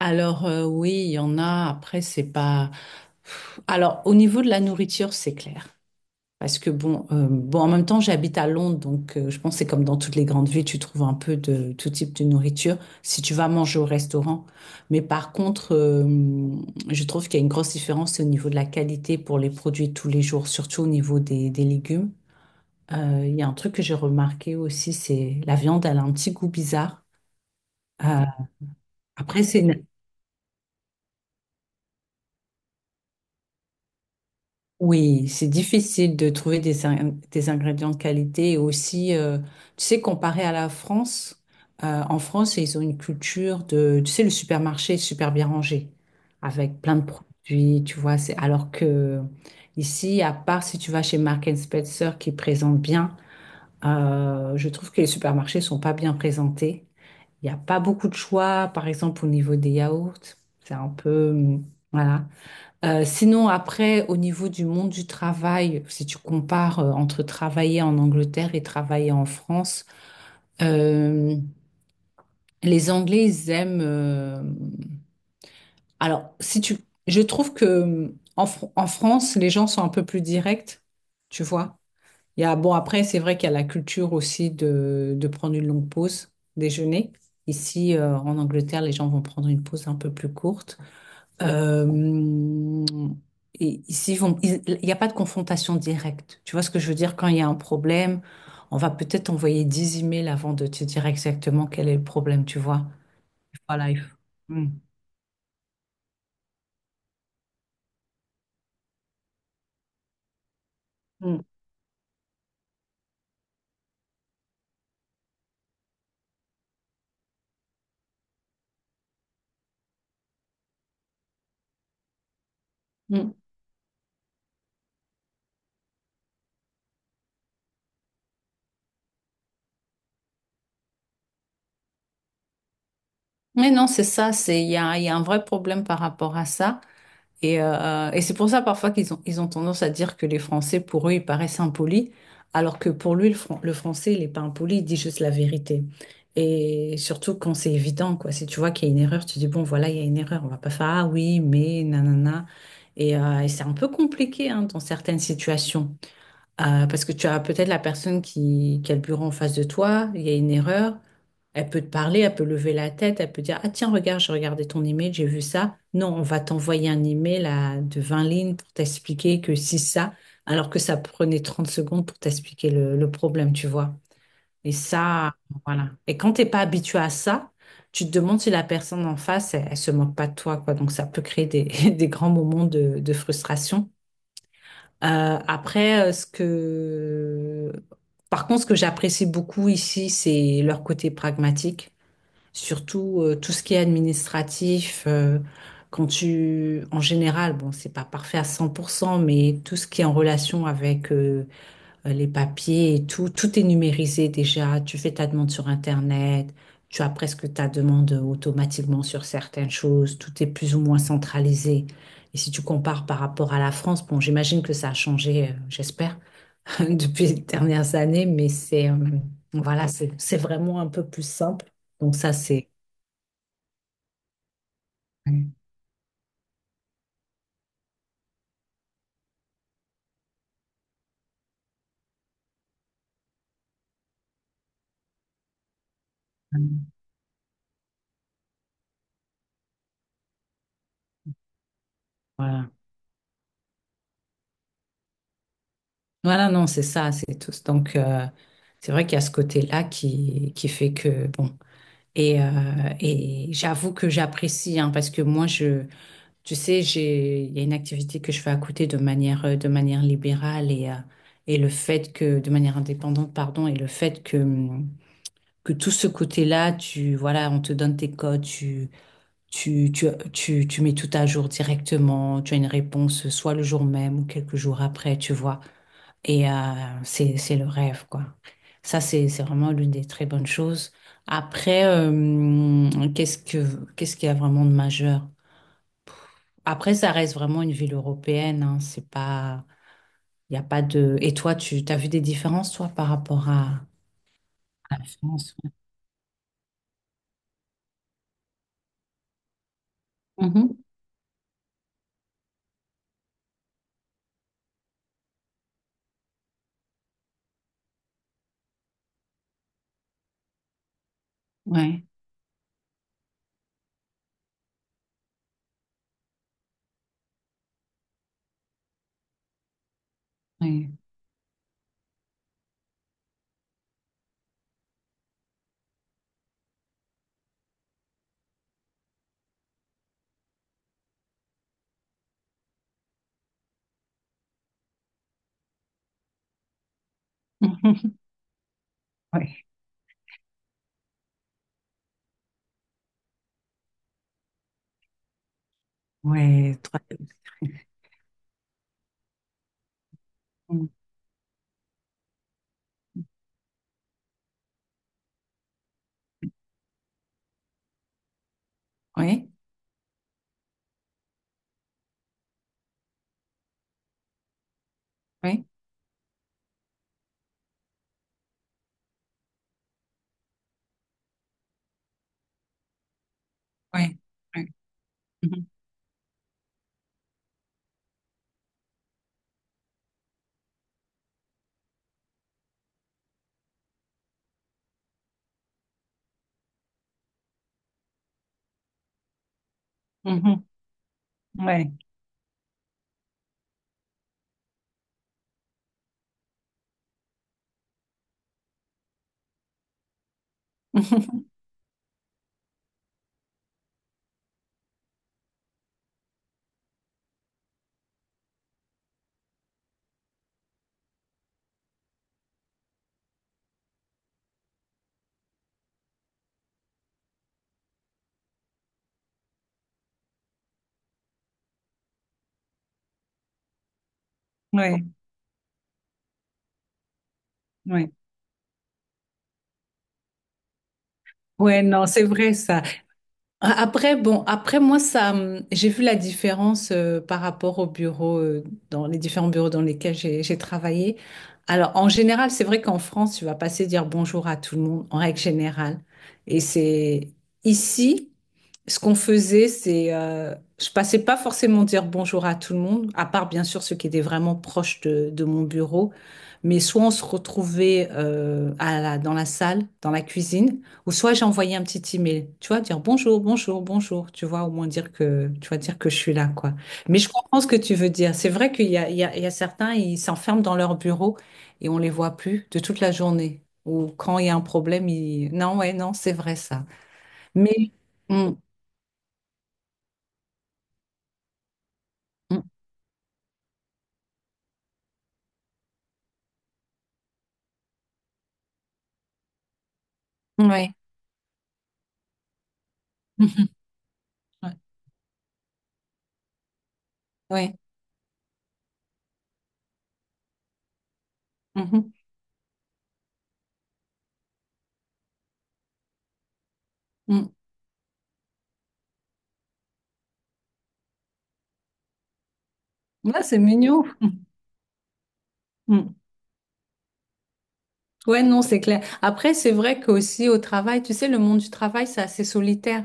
Oui, il y en a. Après, c'est pas. Alors au niveau de la nourriture, c'est clair. Parce que bon, en même temps, j'habite à Londres, donc je pense que c'est comme dans toutes les grandes villes, tu trouves un peu de tout type de nourriture si tu vas manger au restaurant. Mais par contre, je trouve qu'il y a une grosse différence au niveau de la qualité pour les produits de tous les jours, surtout au niveau des légumes. Il y a un truc que j'ai remarqué aussi, c'est la viande, elle a un petit goût bizarre. Euh, après, c'est une Oui, c'est difficile de trouver des ingrédients de qualité et aussi, tu sais, comparé à la France, en France, ils ont une culture de, tu sais, le supermarché est super bien rangé, avec plein de produits, alors que ici, à part si tu vas chez Marks and Spencer qui présente bien, je trouve que les supermarchés sont pas bien présentés. Il n'y a pas beaucoup de choix, par exemple, au niveau des yaourts, c'est un peu, voilà. Sinon, après, au niveau du monde du travail, si tu compares entre travailler en Angleterre et travailler en France, euh, les Anglais, ils aiment... Alors, si tu... Je trouve que en France, les gens sont un peu plus directs, tu vois. Bon, après, c'est vrai qu'il y a la culture aussi de prendre une longue pause, déjeuner. Ici, en Angleterre, les gens vont prendre une pause un peu plus courte. Euh, et ici, il n'y a pas de confrontation directe. Tu vois ce que je veux dire? Quand il y a un problème, on va peut-être envoyer 10 emails avant de te dire exactement quel est le problème, tu vois? Voilà. il faut- Mm. Mm. Mm. Mais non, c'est ça, il y a un vrai problème par rapport à ça. Et c'est pour ça parfois qu'ils ont tendance à dire que les Français, pour eux, ils paraissent impolis, alors que pour lui, le Français, il n'est pas impoli, il dit juste la vérité. Et surtout quand c'est évident, quoi. Si tu vois qu'il y a une erreur, tu dis, bon, voilà, il y a une erreur, on va pas faire, ah oui, mais, nanana. Et c'est un peu compliqué, hein, dans certaines situations. Parce que tu as peut-être la personne qui a le bureau en face de toi, il y a une erreur, elle peut te parler, elle peut lever la tête, elle peut dire, ah tiens, regarde, j'ai regardé ton email, j'ai vu ça. Non, on va t'envoyer un email à, de 20 lignes pour t'expliquer que si ça, alors que ça prenait 30 secondes pour t'expliquer le problème, tu vois. Et ça, voilà. Et quand t'es pas habitué à ça, tu te demandes si la personne en face, elle se moque pas de toi, quoi. Donc ça peut créer des, des grands moments de frustration. Euh, après, euh, ce que, Par contre, ce que j'apprécie beaucoup ici, c'est leur côté pragmatique, surtout tout ce qui est administratif. En général, bon, c'est pas parfait à 100%, mais tout ce qui est en relation avec les papiers et tout, tout est numérisé déjà. Tu fais ta demande sur Internet, tu as presque ta demande automatiquement sur certaines choses, tout est plus ou moins centralisé. Et si tu compares par rapport à la France, bon, j'imagine que ça a changé, j'espère, depuis les dernières années, mais c'est vraiment un peu plus simple. Donc ça, c'est voilà. Voilà, non, c'est ça, c'est tout. Donc c'est vrai qu'il y a ce côté-là qui fait que bon. Et, euh, et j'avoue que j'apprécie, hein, parce que tu sais, il y a une activité que je fais à côté de manière libérale et le fait que, de manière indépendante, pardon, et le fait que tout ce côté-là, voilà, on te donne tes codes, tu, tu, tu mets tout à jour directement, tu as une réponse soit le jour même ou quelques jours après, tu vois. Et c'est le rêve, quoi. C'est vraiment l'une des très bonnes choses. Après, qu'est-ce qu'il y a vraiment de majeur? Après, ça reste vraiment une ville européenne, hein. C'est pas, Il n'y a pas de... Et toi, tu as vu des différences, toi, par rapport à la France? Ouais. Mhm. Ouais, ouais. Mhm. Ouais, ouais. Mm. Ouais, ouais, ouais, ouais, Mhm. Mhm. Ouais, ouais, ouais, ouais, non, c'est vrai ça. Après, bon, après moi, ça, j'ai vu la différence par rapport au bureau, dans les différents bureaux dans lesquels j'ai travaillé. Alors, en général, c'est vrai qu'en France, tu vas passer dire bonjour à tout le monde, en règle générale. Et c'est ici. Ce qu'on faisait, c'est, je passais pas forcément dire bonjour à tout le monde, à part bien sûr ceux qui étaient vraiment proches de mon bureau. Mais soit on se retrouvait dans la salle, dans la cuisine, ou soit j'envoyais un petit email, tu vois, dire bonjour, bonjour, bonjour, tu vois, au moins dire que, tu vois, dire que je suis là, quoi. Mais je comprends ce que tu veux dire. C'est vrai qu'il y a certains, ils s'enferment dans leur bureau et on les voit plus de toute la journée. Ou quand il y a un problème, ils... Non, ouais, non, c'est vrai ça. Mais... Mm. Mm. Ouais. Mhm. Ouais. Ouais. Mhm. Mm. Ouais, c'est mignon. Mm. Mm. Ouais, non, c'est clair. Après, c'est vrai qu'aussi au travail, tu sais, le monde du travail, c'est assez solitaire.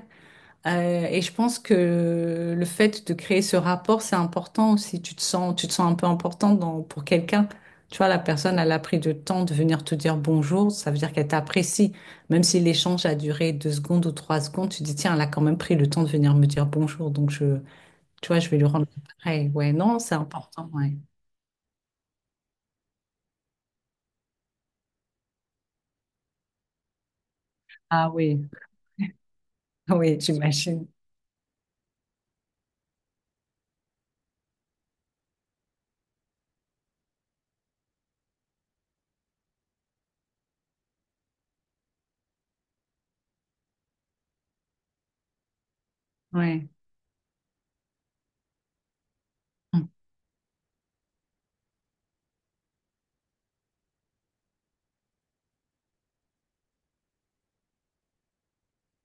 Et je pense que le fait de créer ce rapport, c'est important aussi. Tu te sens un peu important dans, pour quelqu'un. Tu vois, la personne, elle a pris du temps de venir te dire bonjour. Ça veut dire qu'elle t'apprécie. Même si l'échange a duré 2 secondes ou 3 secondes, tu dis, tiens, elle a quand même pris le temps de venir me dire bonjour. Tu vois, je vais lui rendre pareil. Ouais, non, c'est important. Ouais. Ah oui, oui, j'imagine. Ouais. Mm.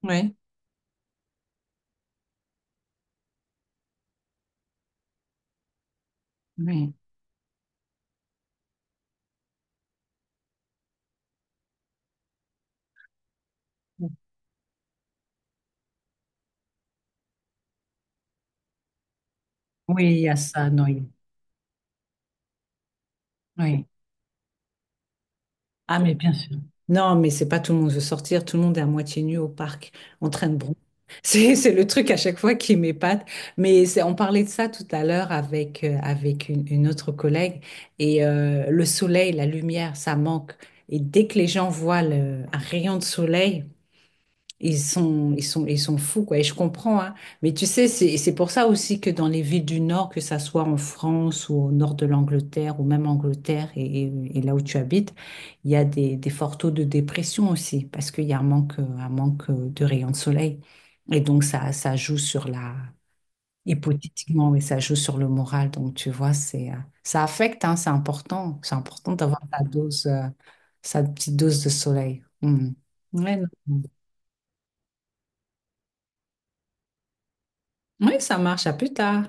Oui, oui. Oui, il y a ça, non. Oui. Ah, mais bien sûr. Non, mais c'est pas tout le monde veut sortir. Tout le monde est à moitié nu au parc, en train de bronzer. C'est le truc à chaque fois qui m'épate. Mais on parlait de ça tout à l'heure avec, avec une autre collègue. Et le soleil, la lumière, ça manque. Et dès que les gens voient un rayon de soleil, ils sont fous, quoi. Et je comprends, hein. Mais tu sais, c'est pour ça aussi que dans les villes du Nord, que ça soit en France ou au nord de l'Angleterre ou même Angleterre et là où tu habites, il y a des forts taux de dépression aussi parce qu'il y a un manque de rayons de soleil. Et donc, ça joue sur la, hypothétiquement, mais ça joue sur le moral. Donc, tu vois, ça affecte, hein, c'est important. C'est important d'avoir sa dose, sa petite dose de soleil. Hmm. Ouais, non. Oui, ça marche. À plus tard.